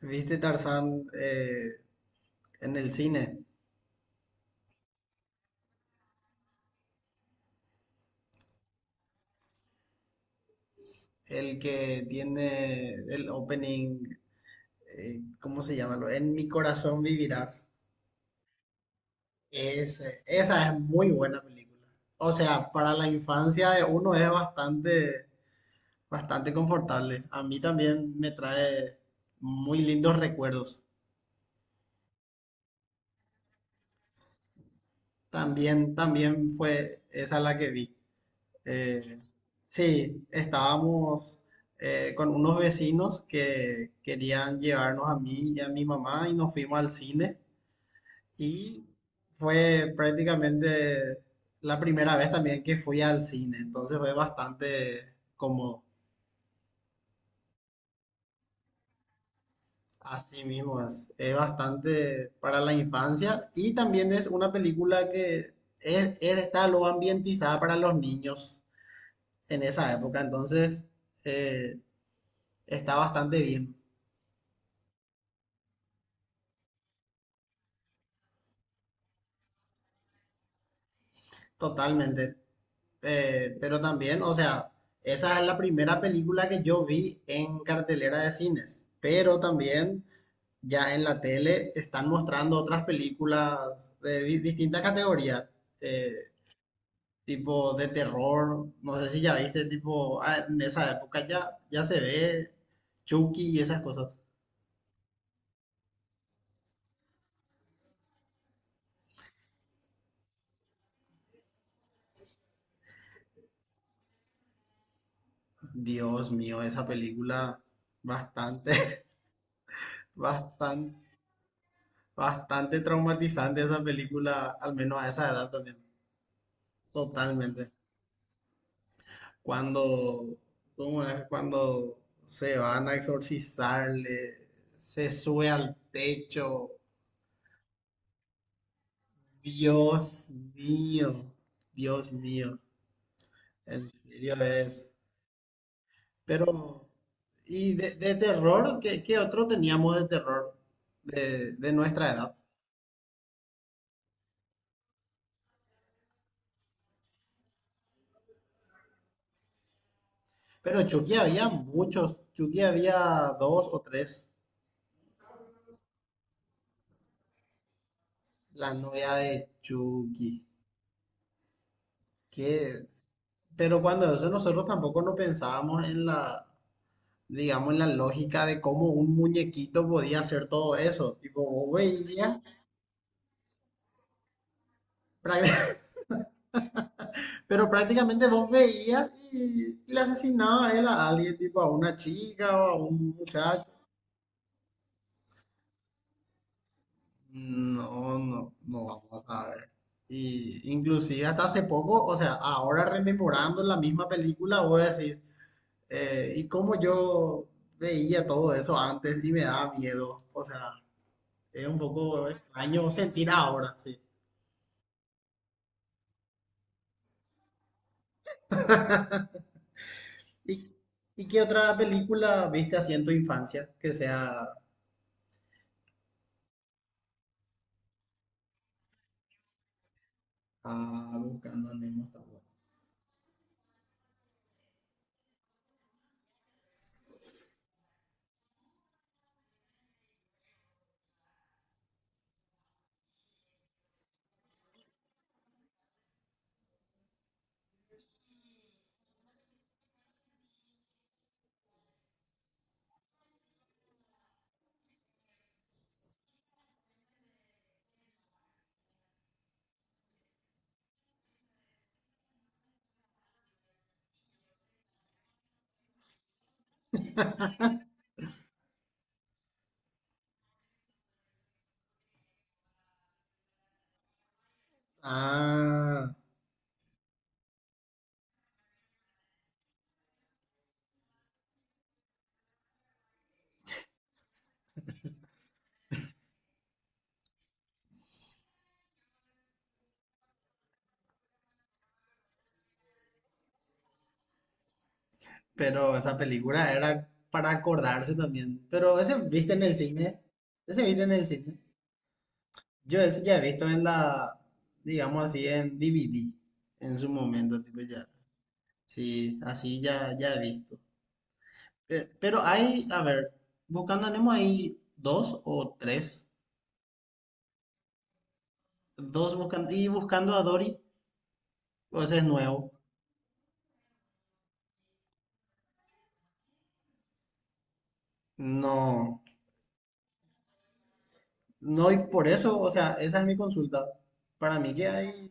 ¿Viste Tarzán en el cine? El que tiene el opening, ¿cómo se llama? En mi corazón vivirás. Esa es muy buena película. O sea, para la infancia de uno es bastante confortable. A mí también me trae muy lindos recuerdos. También fue esa la que vi. Eh, sí, estábamos con unos vecinos que querían llevarnos a mí y a mi mamá y nos fuimos al cine y fue prácticamente la primera vez también que fui al cine, entonces fue bastante como así mismo, es bastante para la infancia y también es una película que está lo ambientizada para los niños en esa época, entonces eh, está bastante bien. Totalmente. Pero también, o sea, esa es la primera película que yo vi en cartelera de cines. Pero también ya en la tele están mostrando otras películas de distintas categorías, eh, tipo de terror. No sé si ya viste, tipo, ah, en esa época ya se ve Chucky y esas cosas. Dios mío, esa película bastante, bastante, bastante traumatizante esa película, al menos a esa edad también. Totalmente. Cuando, ¿cómo es? Cuando se van a exorcizarle, se sube al techo. Dios mío, Dios mío, en serio es. Pero, ¿y de terror? ¿Qué otro teníamos de terror de nuestra edad? Pero Chucky había muchos. Chucky había dos o tres. La novia de Chucky. ¿Qué? Pero cuando eso nosotros tampoco no pensábamos en digamos, en la lógica de cómo un muñequito podía hacer todo eso. Tipo, vos veías, práct- pero prácticamente vos veías y le asesinaba a él a alguien, tipo a una chica o a un muchacho. No vamos a ver. Y inclusive hasta hace poco, o sea, ahora rememorando la misma película, voy a decir ¿y cómo yo veía todo eso antes y me daba miedo? O sea... Es un poco extraño sentir ahora, sí. ¿Y, y qué otra película viste así en tu infancia que sea Ah, buscando a Nemo está bueno. Ah, pero esa película era para acordarse también. Pero ese viste en el cine. Ese viste en el cine. Yo ese ya he visto en digamos así, en DVD. En su momento, tipo ya. Sí, así ya, ya he visto. Pero, hay, a ver, Buscando a Nemo hay dos o tres. Dos buscando, y buscando a Dory, o ese es nuevo. No, no, y por eso, o sea, esa es mi consulta. Para mí que hay,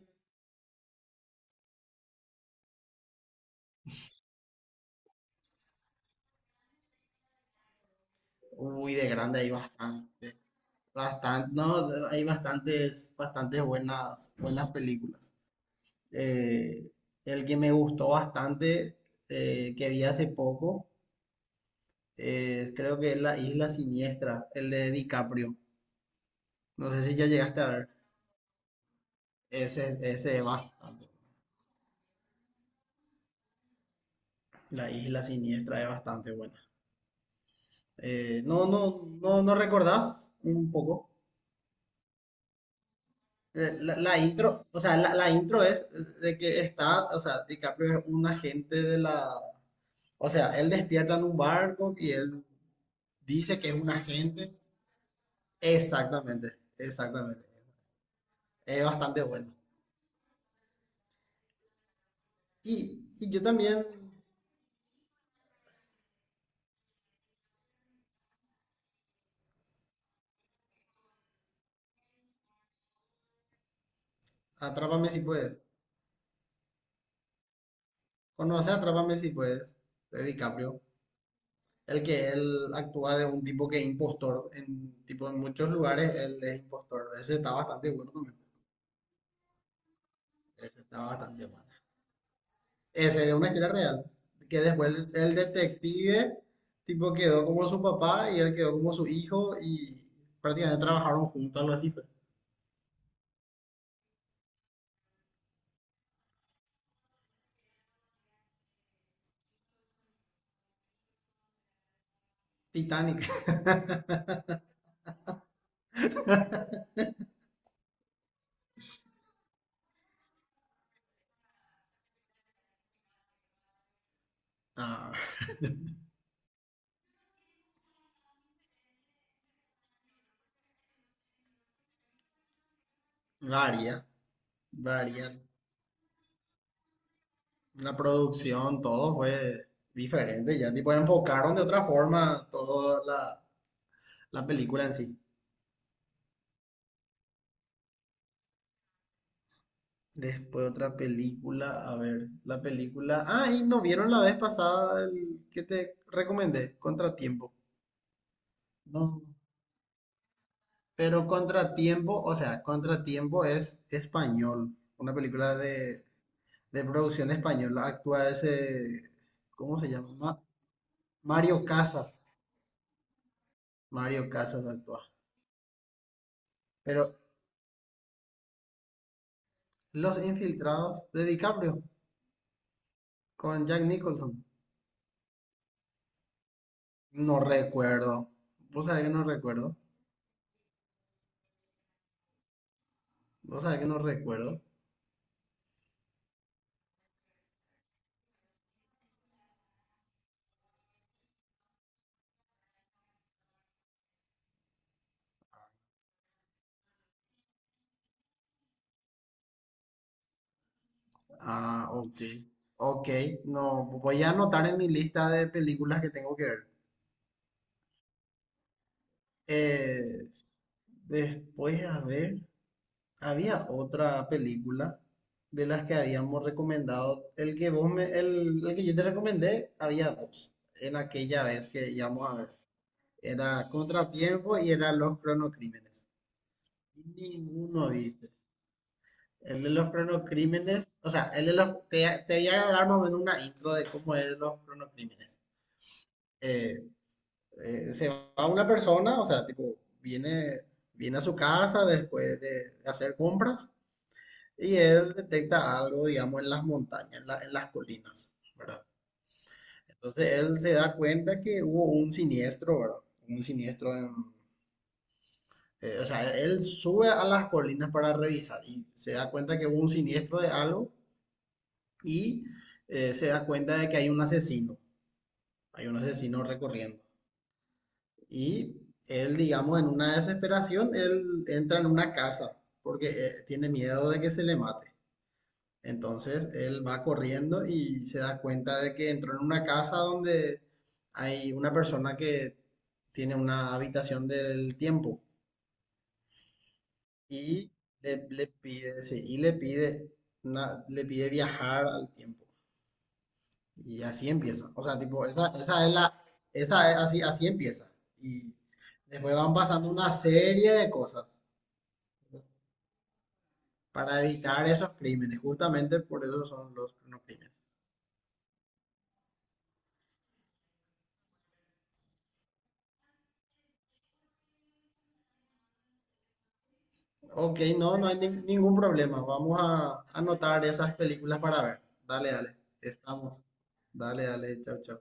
uy, de grande hay bastante, bastante, no, hay bastantes buenas películas. Eh, el que me gustó bastante, que vi hace poco, creo que es La Isla Siniestra, el de DiCaprio. No sé si ya llegaste a ver. Ese es bastante. La Isla Siniestra es bastante buena. No recordás un poco. La intro, o sea, la intro es de que está, o sea, DiCaprio es un agente de o sea, él despierta en un barco y él dice que es un agente. Exactamente, exactamente. Es bastante bueno. Y yo también, Atrápame si puedes. Conoce Atrápame si puedes, de DiCaprio. El que él actúa de un tipo que es impostor en, tipo, en muchos lugares, él es impostor. Ese está bastante bueno ese está bastante bueno Ese es una historia real. Que después el detective, tipo, quedó como su papá y él quedó como su hijo y prácticamente trabajaron juntos, algo así fue. Titanic. Ah, varia, varia. La producción, todo fue diferente. Ya, tipo, enfocaron de otra forma toda la película en sí. Después otra película, a ver, la película. Ah, y no vieron la vez pasada el que te recomendé, Contratiempo. No. Pero Contratiempo, o sea, Contratiempo es español, una película de producción española. Actúa ese, ¿cómo se llama? Mario Casas. Mario Casas actúa. Pero Los Infiltrados de DiCaprio con Jack Nicholson. No recuerdo. ¿Vos sabés que no recuerdo? ¿Vos sabés que no recuerdo? Ah, ok. Ok, no, voy a anotar en mi lista de películas que tengo que ver. Eh, después, a ver. Había otra película de las que habíamos recomendado. El que yo te recomendé, había dos en aquella vez que íbamos a ver. Era Contratiempo y era Los Cronocrímenes. Ninguno viste. El de los cronocrímenes, o sea, el de los, te voy a dar más o menos una intro de cómo es los cronocrímenes. Eh, se va una persona, o sea, tipo, viene, viene a su casa después de hacer compras. Y él detecta algo, digamos, en las montañas, en las colinas, ¿verdad? Entonces él se da cuenta que hubo un siniestro, ¿verdad? Un siniestro en... o sea, él sube a las colinas para revisar y se da cuenta que hubo un siniestro de algo y se da cuenta de que hay un asesino recorriendo. Y él, digamos, en una desesperación, él entra en una casa porque tiene miedo de que se le mate. Entonces él va corriendo y se da cuenta de que entró en una casa donde hay una persona que tiene una habitación del tiempo y le pide, sí, y le pide, le pide viajar al tiempo. Y así empieza. O sea, tipo, esa es esa es así, así empieza. Y después van pasando una serie de cosas para evitar esos crímenes. Justamente por eso son los crímenes. Ok, no hay ningún problema. Vamos a anotar esas películas para ver. Dale, dale. Estamos. Dale, dale. Chao, chao.